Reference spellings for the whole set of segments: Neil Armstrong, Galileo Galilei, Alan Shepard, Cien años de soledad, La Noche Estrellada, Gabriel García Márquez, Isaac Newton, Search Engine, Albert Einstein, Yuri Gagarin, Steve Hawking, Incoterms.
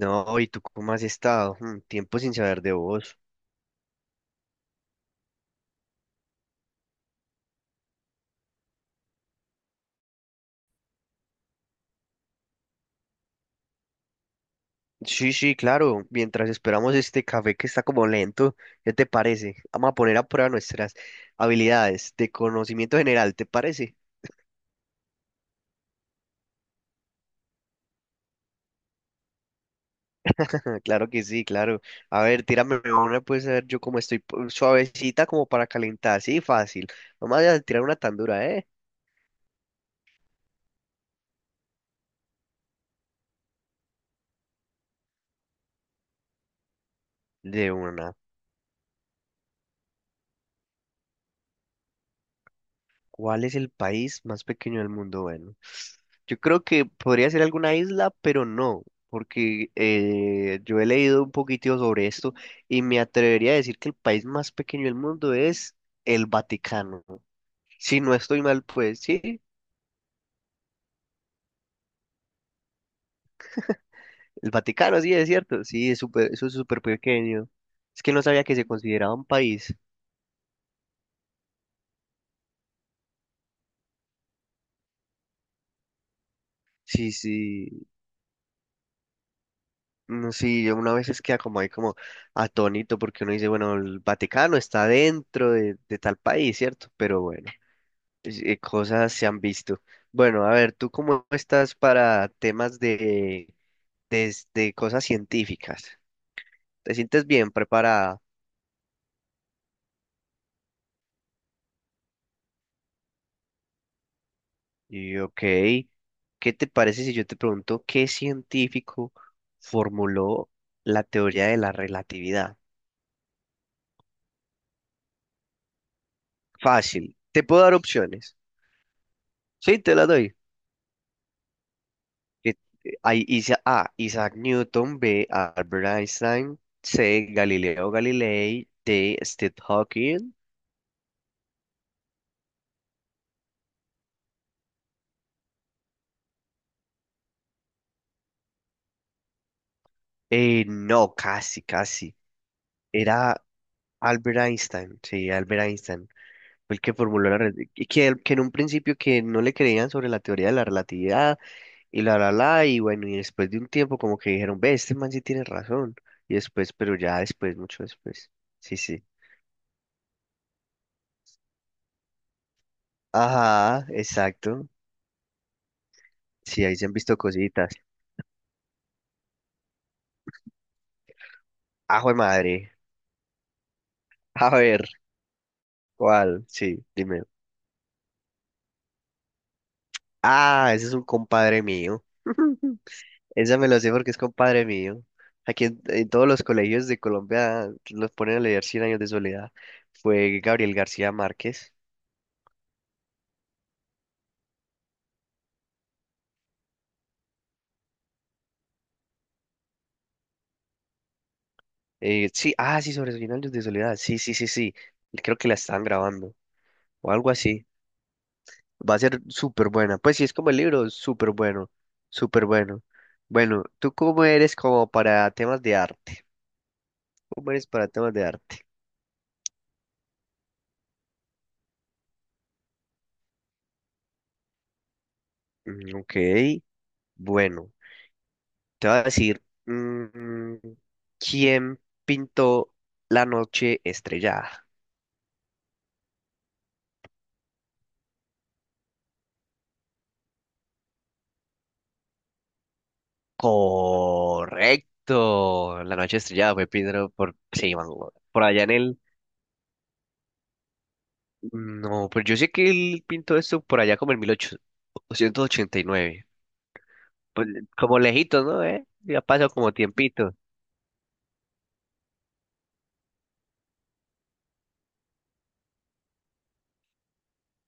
No, ¿y tú cómo has estado? Tiempo sin saber de vos. Sí, sí, claro. Mientras esperamos este café que está como lento, ¿qué te parece? Vamos a poner a prueba nuestras habilidades de conocimiento general, ¿te parece? Claro que sí, claro. A ver, tírame una, pues a ver yo cómo estoy suavecita como para calentar. Sí, fácil. Vamos a tirar una tan dura, ¿eh? De una. ¿Cuál es el país más pequeño del mundo? Bueno, yo creo que podría ser alguna isla, pero no, porque yo he leído un poquito sobre esto y me atrevería a decir que el país más pequeño del mundo es el Vaticano. Si no estoy mal, pues sí, el Vaticano, sí, es cierto, sí, es súper, eso es súper pequeño. Es que no sabía que se consideraba un país. Sí, sí. Sí, yo una vez es queda como ahí como atónito porque uno dice, bueno, el Vaticano está dentro de tal país, ¿cierto? Pero bueno, cosas se han visto. Bueno, a ver, ¿tú cómo estás para temas de cosas científicas? ¿Te sientes bien preparada? Y ok, ¿qué te parece si yo te pregunto qué científico formuló la teoría de la relatividad? Fácil, te puedo dar opciones. Sí, te las doy. Que A. Isaac Newton, B. Albert Einstein, C. Galileo Galilei, D. Steve Hawking. No, casi, casi. Era Albert Einstein, sí, Albert Einstein. Fue el que formuló la que en un principio que no le creían sobre la teoría de la relatividad y bueno, y después de un tiempo como que dijeron, ve, este man sí tiene razón. Y después, pero ya después, mucho después. Sí, sí. Ajá, exacto. Sí, ahí se han visto cositas. Ajo de madre. A ver, ¿cuál? Sí, dime. Ah, ese es un compadre mío. Esa me lo sé porque es compadre mío. Aquí en todos los colegios de Colombia los ponen a leer Cien años de soledad. Fue Gabriel García Márquez. Sí, sí, sobre Cien años de soledad. Sí, sí, sí, sí. Creo que la están grabando o algo así. Va a ser súper buena. Pues sí, es como el libro, súper bueno, súper bueno. Bueno, ¿tú cómo eres como para temas de arte? ¿Cómo eres para temas de arte? Ok. Bueno, te voy a decir, ¿quién pintó La Noche Estrellada? Correcto, La Noche Estrellada fue pintado por, sí, man, por allá en el, no, pues yo sé que él pintó esto por allá como en mil ochocientos ochenta y nueve, pues como lejito, ¿no? ¿Eh? Ya pasó como tiempito,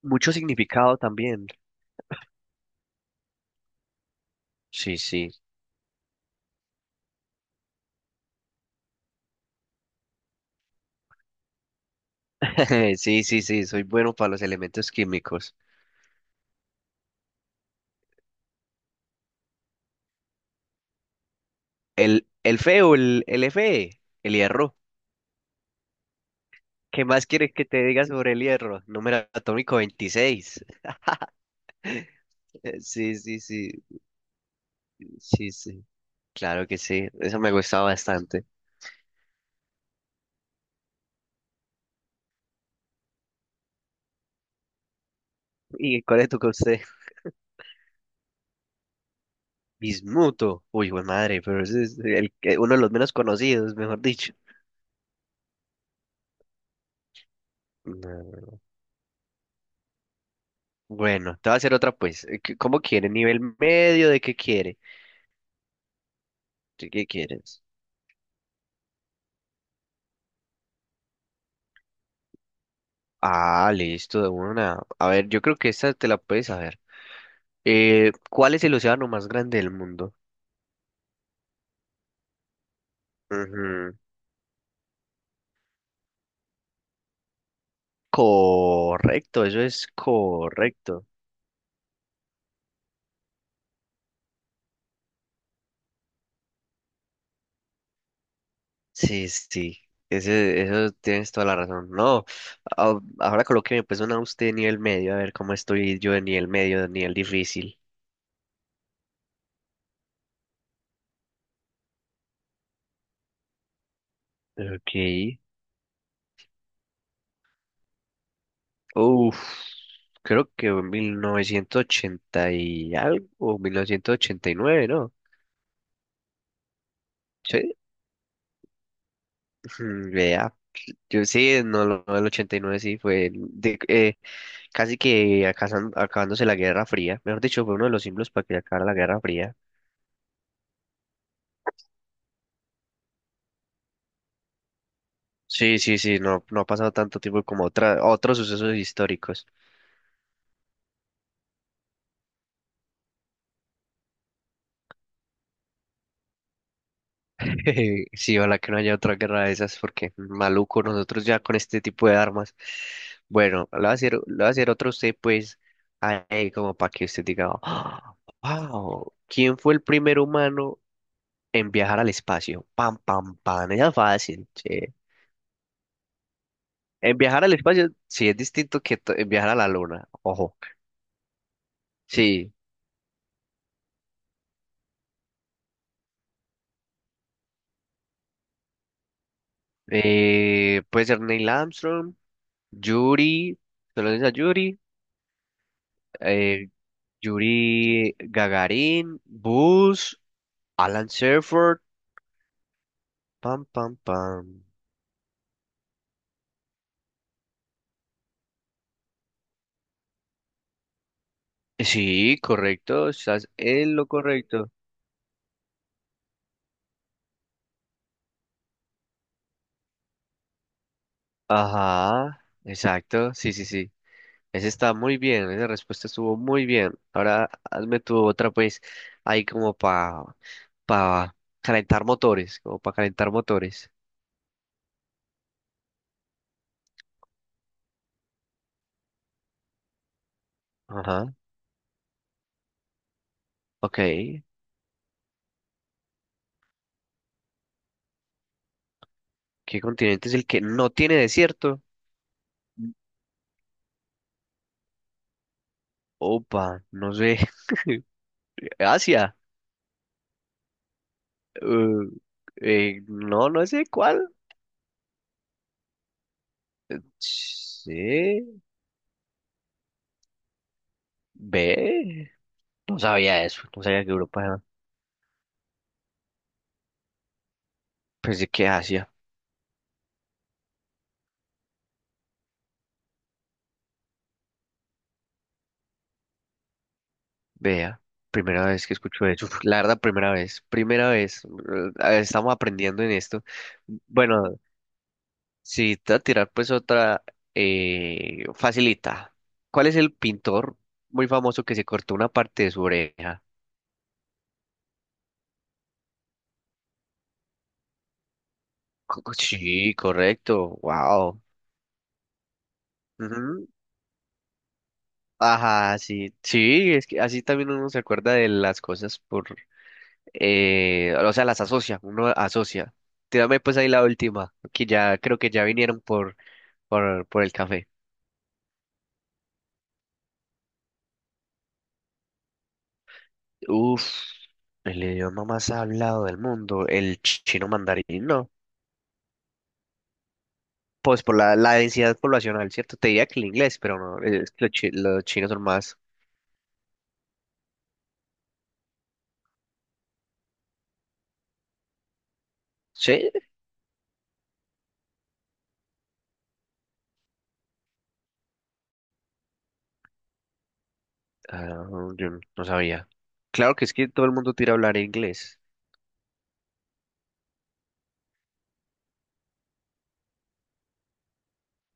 mucho significado también, sí, sí. Sí, sí, sí, soy bueno para los elementos químicos, el, el Fe, el hierro. ¿Qué más quieres que te diga sobre el hierro? Número atómico 26. Sí, sí, sí, sí, sí. Claro que sí, eso me gustaba bastante. ¿Y cuál es tu usted? Bismuto. Uy, güey madre, pero ese es uno de los menos conocidos, mejor dicho. No. Bueno, te voy a hacer otra pues. ¿Cómo quiere? ¿Nivel medio? ¿De qué quiere? ¿De qué quieres? Ah, listo, de una. A ver, yo creo que esta te la puedes saber. ¿Cuál es el océano más grande del mundo? Ujú. Correcto, eso es correcto. Sí, sí, sí. Ese, eso tienes toda la razón. No, ahora colóqueme pues una usted de nivel medio, a ver cómo estoy yo de nivel medio, de nivel difícil. Ok. Uf, creo que en 1980 y algo, o 1989, ¿no? Sí. Vea. Yo sí, no, lo no, el 89 sí fue casi que acabándose la Guerra Fría. Mejor dicho, fue uno de los símbolos para que acabara la Guerra Fría. Sí, sí, sí, no, no ha pasado tanto tiempo como otros sucesos históricos. Sí, ojalá que no haya otra guerra de esas, porque maluco nosotros ya con este tipo de armas. Bueno, lo voy a hacer otro a usted, pues, ahí como para que usted diga, wow, ¿quién fue el primer humano en viajar al espacio? Pam, pam, pam, esa es fácil, che. En viajar al espacio, sí, es distinto que en viajar a la luna, ojo. Sí, puede ser Neil Armstrong. Yuri, solo a Yuri, eh, Yuri Gagarin, Buzz, Alan Shepard, pam, pam, pam. Sí, correcto, estás en lo correcto. Ajá, exacto, sí, sí, sí. Ese está muy bien, esa respuesta estuvo muy bien. Ahora hazme tu otra, pues, ahí como para pa pa calentar motores, como para calentar motores. Ajá, ok. ¿Qué continente es el que no tiene desierto? Opa, no sé. Asia. Uh, no, no sé cuál. Sí. Ve. No sabía eso. No sabía que Europa era. Pensé que Asia. Vea. Primera vez que escucho eso. La verdad, primera vez. Primera vez. Estamos aprendiendo en esto. Bueno, si te va a tirar pues otra. Facilita. ¿Cuál es el pintor muy famoso que se cortó una parte de su oreja? Sí, correcto. Wow. Ajá, sí, sí, es que así también uno se acuerda de las cosas o sea, las asocia, uno asocia. Tírame pues ahí la última, que ya creo que ya vinieron por el café. Uf, el idioma más hablado del mundo, el chino mandarín, no. Pues por la densidad poblacional, ¿cierto? Te diría que el inglés, pero no, es que los chinos son más... Sí, ah, yo no sabía. Claro que es que todo el mundo tira a hablar inglés,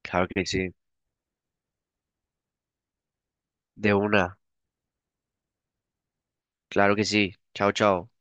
claro que sí, de una. Claro que sí. Chao, chao.